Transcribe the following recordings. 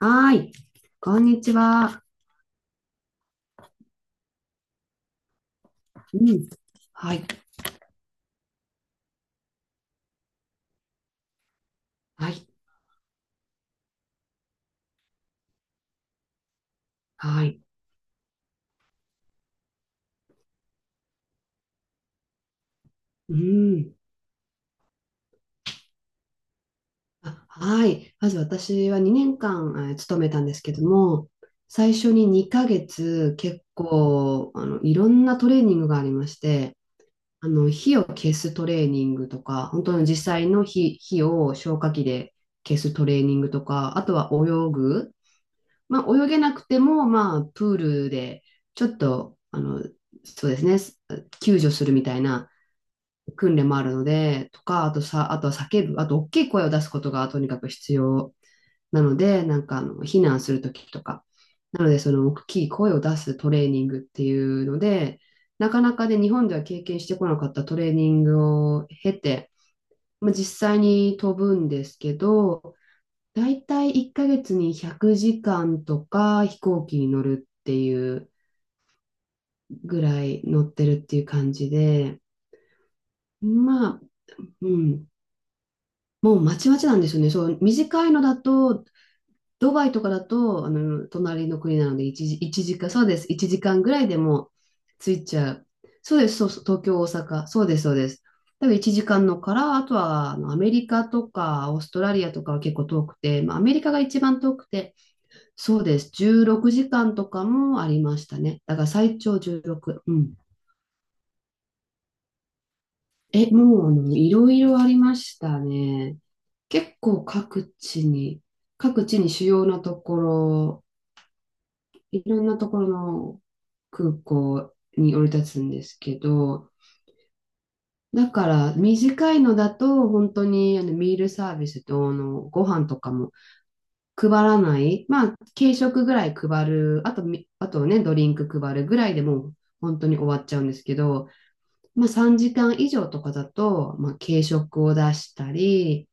はーい。こんにちは。うん。はい。はい。はい。うん。あ、はい。まず私は2年間、勤めたんですけども、最初に2ヶ月結構、いろんなトレーニングがありまして、火を消すトレーニングとか、本当に実際の火を消火器で消すトレーニングとか、あとは泳ぐ。まあ、泳げなくても、まあ、プールで、ちょっと、そうですね、救助するみたいな訓練もあるので、とか、あとさ、あとは叫ぶ、あと大きい声を出すことがとにかく必要なので、なんかあの避難するときとか、なのでその大きい声を出すトレーニングっていうので、なかなかね、日本では経験してこなかったトレーニングを経て、まあ、実際に飛ぶんですけど、だいたい1ヶ月に100時間とか飛行機に乗るっていうぐらい乗ってるっていう感じで、まあ、うん、もうまちまちなんですよね。そう、短いのだと、ドバイとかだと、あの、隣の国なので1時、一時間、そうです。1時間ぐらいでも着いちゃう。そうです、そうそう、東京、大阪。そうです、そうです。多分1時間のから、あとはあのアメリカとかオーストラリアとかは結構遠くて、まあ、アメリカが一番遠くて、そうです。16時間とかもありましたね。だから最長16。うん。え、もう、あの、いろいろありましたね。結構各地に、各地に主要なところ、いろんなところの空港に降り立つんですけど、だから短いのだと本当にあのミールサービスとあのご飯とかも配らない、まあ軽食ぐらい配る、あとみ、あとね、ドリンク配るぐらいでもう本当に終わっちゃうんですけど、まあ3時間以上とかだと、まあ軽食を出したり、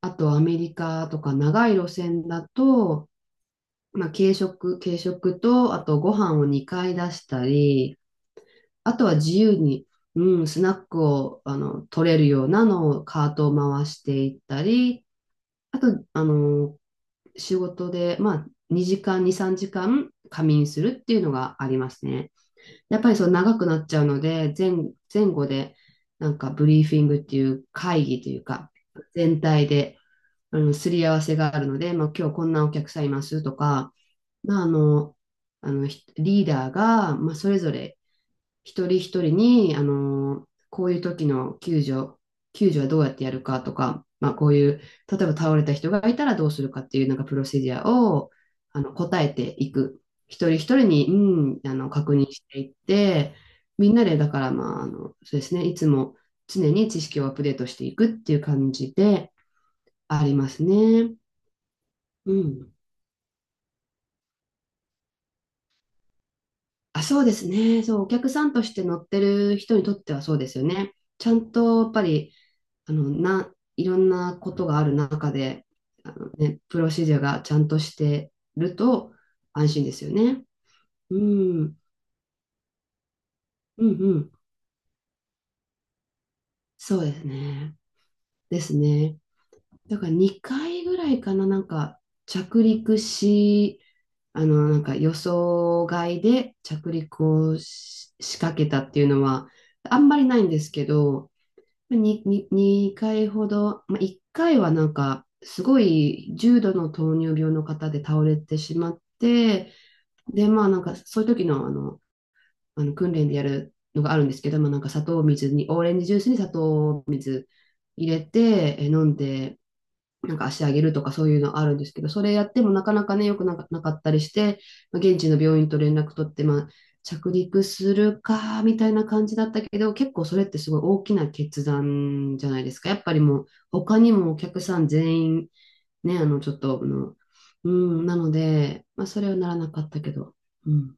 あとアメリカとか長い路線だと、まあ、軽食と、あとご飯を2回出したり、あとは自由に、うん、スナックをあの取れるようなのをカートを回していったり、あと、あの、仕事で、まあ、2、3時間仮眠するっていうのがありますね。やっぱりそう長くなっちゃうので、前後で、なんかブリーフィングっていう会議というか、全体であの、すり合わせがあるので、まあ、今日こんなお客さんいますとか、まあ、ひリーダーが、まあ、それぞれ一人一人に、あの、こういう時の救助はどうやってやるかとか、まあ、こういう、例えば倒れた人がいたらどうするかっていうなんかプロセデュアを、あの、答えていく。一人一人に、うん、あの、確認していって、みんなで、だから、まあ、あの、そうですね、いつも常に知識をアップデートしていくっていう感じでありますね。うん。あ、そうですね。そう、お客さんとして乗ってる人にとってはそうですよね。ちゃんとやっぱり、あの、いろんなことがある中で、あのね、プロシジャーがちゃんとしてると安心ですよね。うん、うん、うん。そうですね。ですね。だから2回ぐらいかな、なんか着陸し、あの、なんか予想外で着陸をし仕掛けたっていうのは、あんまりないんですけど、に、に、2回ほど、まあ、1回はなんか、すごい重度の糖尿病の方で倒れてしまって、で、まあなんか、そういう時の、あの訓練でやるのがあるんですけど、まあなんか砂糖水に、オレンジジュースに砂糖を入れて、飲んで、なんか足上げるとかそういうのあるんですけど、それやってもなかなかね、よくなかなかったりして、まあ、現地の病院と連絡取って、まあ、着陸するか、みたいな感じだったけど、結構それってすごい大きな決断じゃないですか。やっぱりもう、他にもお客さん全員、ね、あの、ちょっと、あの、うん、なので、まあ、それはならなかったけど、うん。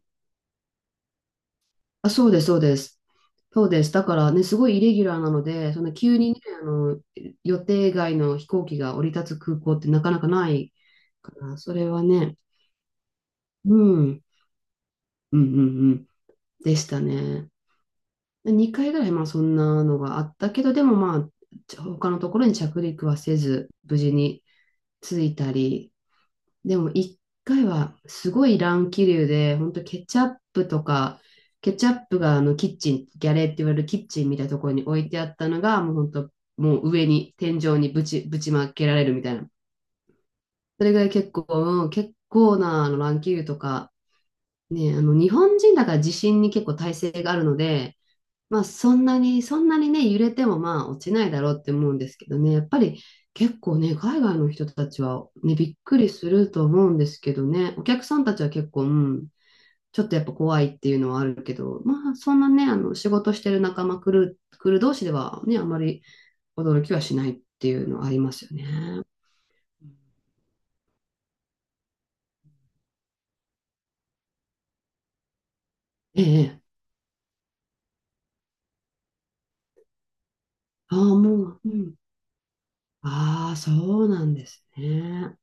あ、そうです、そうです。そうです。だからね、すごいイレギュラーなので、その急にね、あの、予定外の飛行機が降り立つ空港ってなかなかないから、それはね、うん、うんうんうんでしたね。2回ぐらいまあそんなのがあったけど、でもまあ、他のところに着陸はせず、無事に着いたり、でも1回はすごい乱気流で、本当ケチャップとか、ケチャップがあのキッチン、ギャレーって言われるキッチンみたいなところに置いてあったのが、もう本当、もう上に、天井にぶちまけられるみたいな。それぐらい結構、うん、結構なあの乱気流とか、ね、あの、日本人だから地震に結構耐性があるので、まあ、そんなにね、揺れてもまあ、落ちないだろうって思うんですけどね、やっぱり結構ね、海外の人たちはね、びっくりすると思うんですけどね、お客さんたちは結構、うん、ちょっとやっぱ怖いっていうのはあるけど、まあ、そんなね、あの、仕事してる仲間来る、来る同士ではね、あまり驚きはしないっていうのはありますよね。ええ、ああ、もう、うん。ああ、そうなんですね。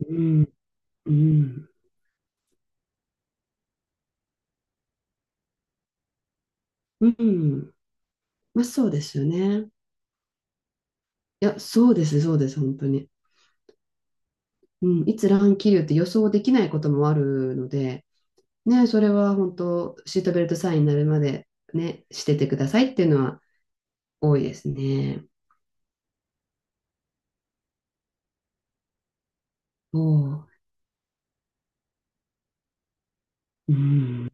うん。うん。うん。まあ、そうですよね。いや、そうですね、そうです、本当に。うん。いつ乱気流って予想できないこともあるので、ね、それは本当、シートベルトサインになるまで、ね、しててくださいっていうのは多いですね。おう。うん。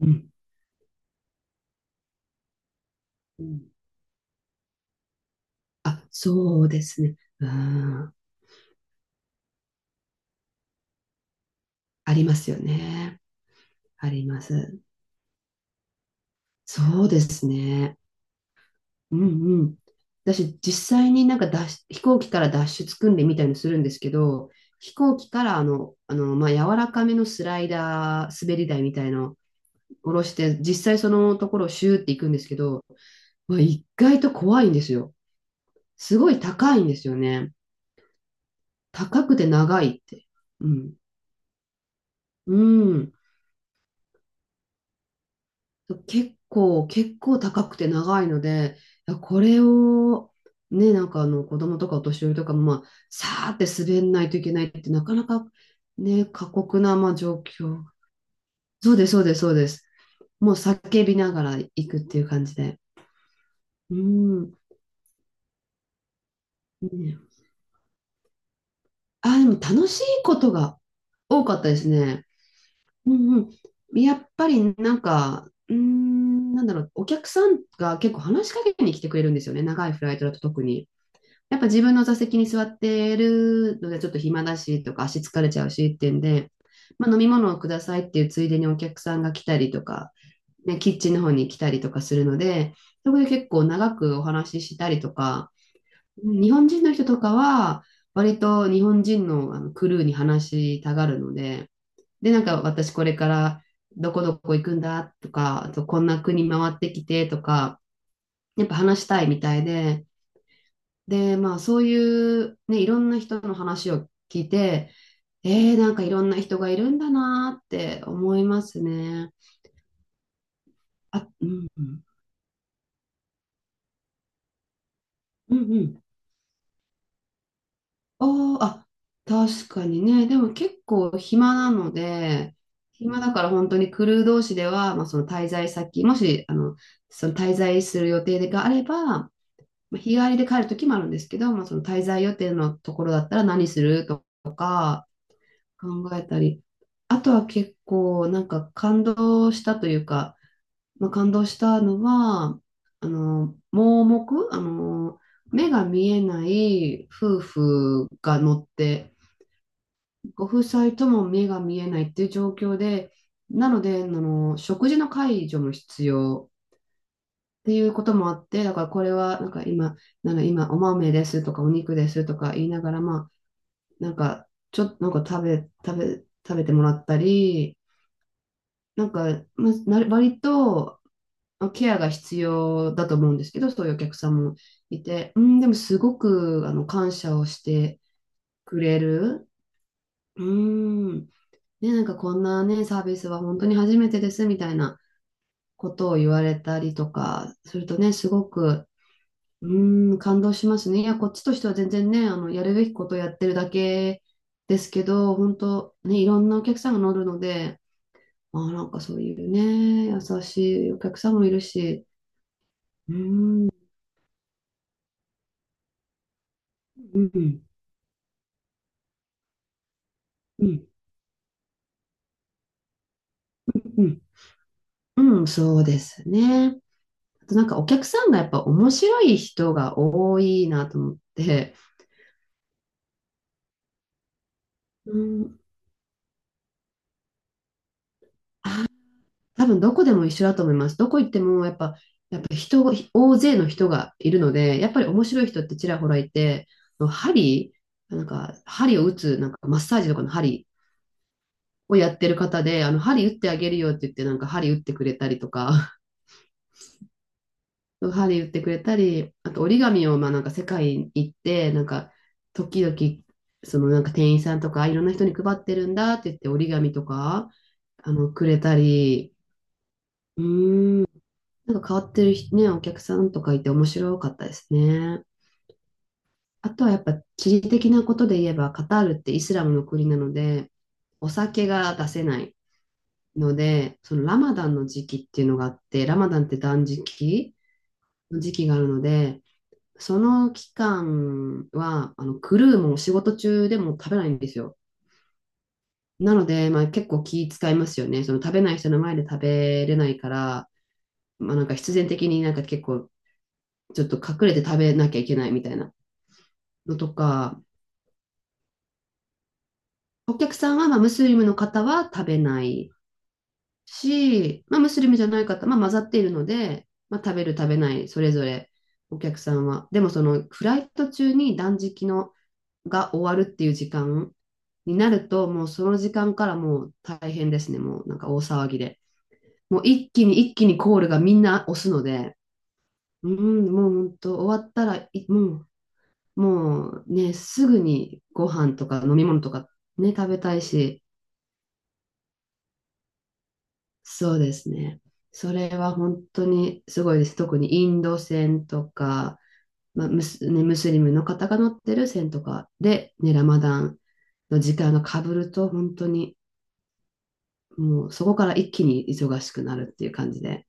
うん。うんあ、そうですね。うん。ありますよね。あります。そうですね。うんうん。私、実際になんか脱出飛行機から脱出訓練みたいのするんですけど、飛行機からまあ、柔らかめのスライダー、滑り台みたいの下ろして、実際そのところをシューって行くんですけど、まあ、意外と怖いんですよ。すごい高いんですよね。高くて長いって。うん。うん。結構高くて長いので、いやこれを、ね、なんかあの子供とかお年寄りとかも、まあ、さーって滑んないといけないってなかなか、ね、過酷な、まあ、状況。そうです、そうです、そうです。もう叫びながら行くっていう感じで。うん。ねあ、でも楽しいことが多かったですね。うんうん。やっぱりなんか、うーん、なんだろう、お客さんが結構話しかけに来てくれるんですよね。長いフライトだと特に。やっぱ自分の座席に座ってるのでちょっと暇だしとか足疲れちゃうしっていうんで、まあ、飲み物をくださいっていうついでにお客さんが来たりとか、ね、キッチンの方に来たりとかするので、そこで結構長くお話ししたりとか、日本人の人とかは割と日本人のクルーに話したがるので、で、なんか私これからどこどこ行くんだとか、あとこんな国回ってきてとか、やっぱ話したいみたいで、で、まあそういうね、いろんな人の話を聞いて、なんかいろんな人がいるんだなーって思いますね。あ、うん、うん、うんうん。あーあ、確かにね。でも結構暇なので、暇だから本当にクルー同士では、まあ、その滞在先、もし、その滞在する予定があれば、まあ日帰りで帰る時もあるんですけど、まあ、その滞在予定のところだったら何するとか、考えたり、あとは結構なんか感動したというか、まあ、感動したのは、盲目、目が見えない夫婦が乗って、ご夫妻とも目が見えないっていう状況で、なので、食事の介助も必要っていうこともあって、だからこれはなんか今、なんか今お豆ですとかお肉ですとか言いながら、まあ、なんかちょっとなんか食べてもらったり、なんか、まあ、な割とケアが必要だと思うんですけど、そういうお客さんもいて、うん、でもすごく感謝をしてくれる。うん。ね、なんかこんなね、サービスは本当に初めてですみたいなことを言われたりとかするとね、すごく、うん、感動しますね。いや、こっちとしては全然ね、やるべきことをやってるだけですけど、本当ね、いろんなお客さんが乗るので、まあ、なんかそういうね、優しいお客さんもいるし、うーん、うん、うん、うん、うん、うんそうですね。あとなんかお客さんがやっぱ面白い人が多いなと思って、うん、多分どこでも一緒だと思います。どこ行ってもやっぱ、やっぱ人が、大勢の人がいるので、やっぱり面白い人ってちらほらいて、あの針、なんか針を打つ、なんかマッサージとかの針をやってる方で、あの針打ってあげるよって言って、なんか針打ってくれたりとか、歯で言ってくれたり、あと折り紙をまあなんか世界に行って、なんか時々そのなんか店員さんとかいろんな人に配ってるんだって言って折り紙とかくれたり、うーん、なんか変わってる人ね、お客さんとかいて面白かったですね。あとはやっぱ地理的なことで言えばカタールってイスラムの国なので、お酒が出せないので、そのラマダンの時期っていうのがあって、ラマダンって断食の時期があるので、その期間は、クルーもん仕事中でも食べないんですよ。なので、まあ結構気使いますよね。その食べない人の前で食べれないから、まあなんか必然的になんか結構ちょっと隠れて食べなきゃいけないみたいなのとか、お客さんはまあムスリムの方は食べないし、まあムスリムじゃない方、まあ混ざっているので、まあ食べる食べない、それぞれお客さんは。でもそのフライト中に断食のが終わるっていう時間になると、もうその時間からもう大変ですね。もうなんか大騒ぎで。もう一気にコールがみんな押すので、うん、もう本当終わったらい、もう、もうね、すぐにご飯とか飲み物とかね、食べたいし、そうですね。それは本当にすごいです。特にインド船とか、まあ、ムス、ね、ムスリムの方が乗ってる船とかで、ね、ラマダンの時間がかぶると、本当にもうそこから一気に忙しくなるっていう感じで。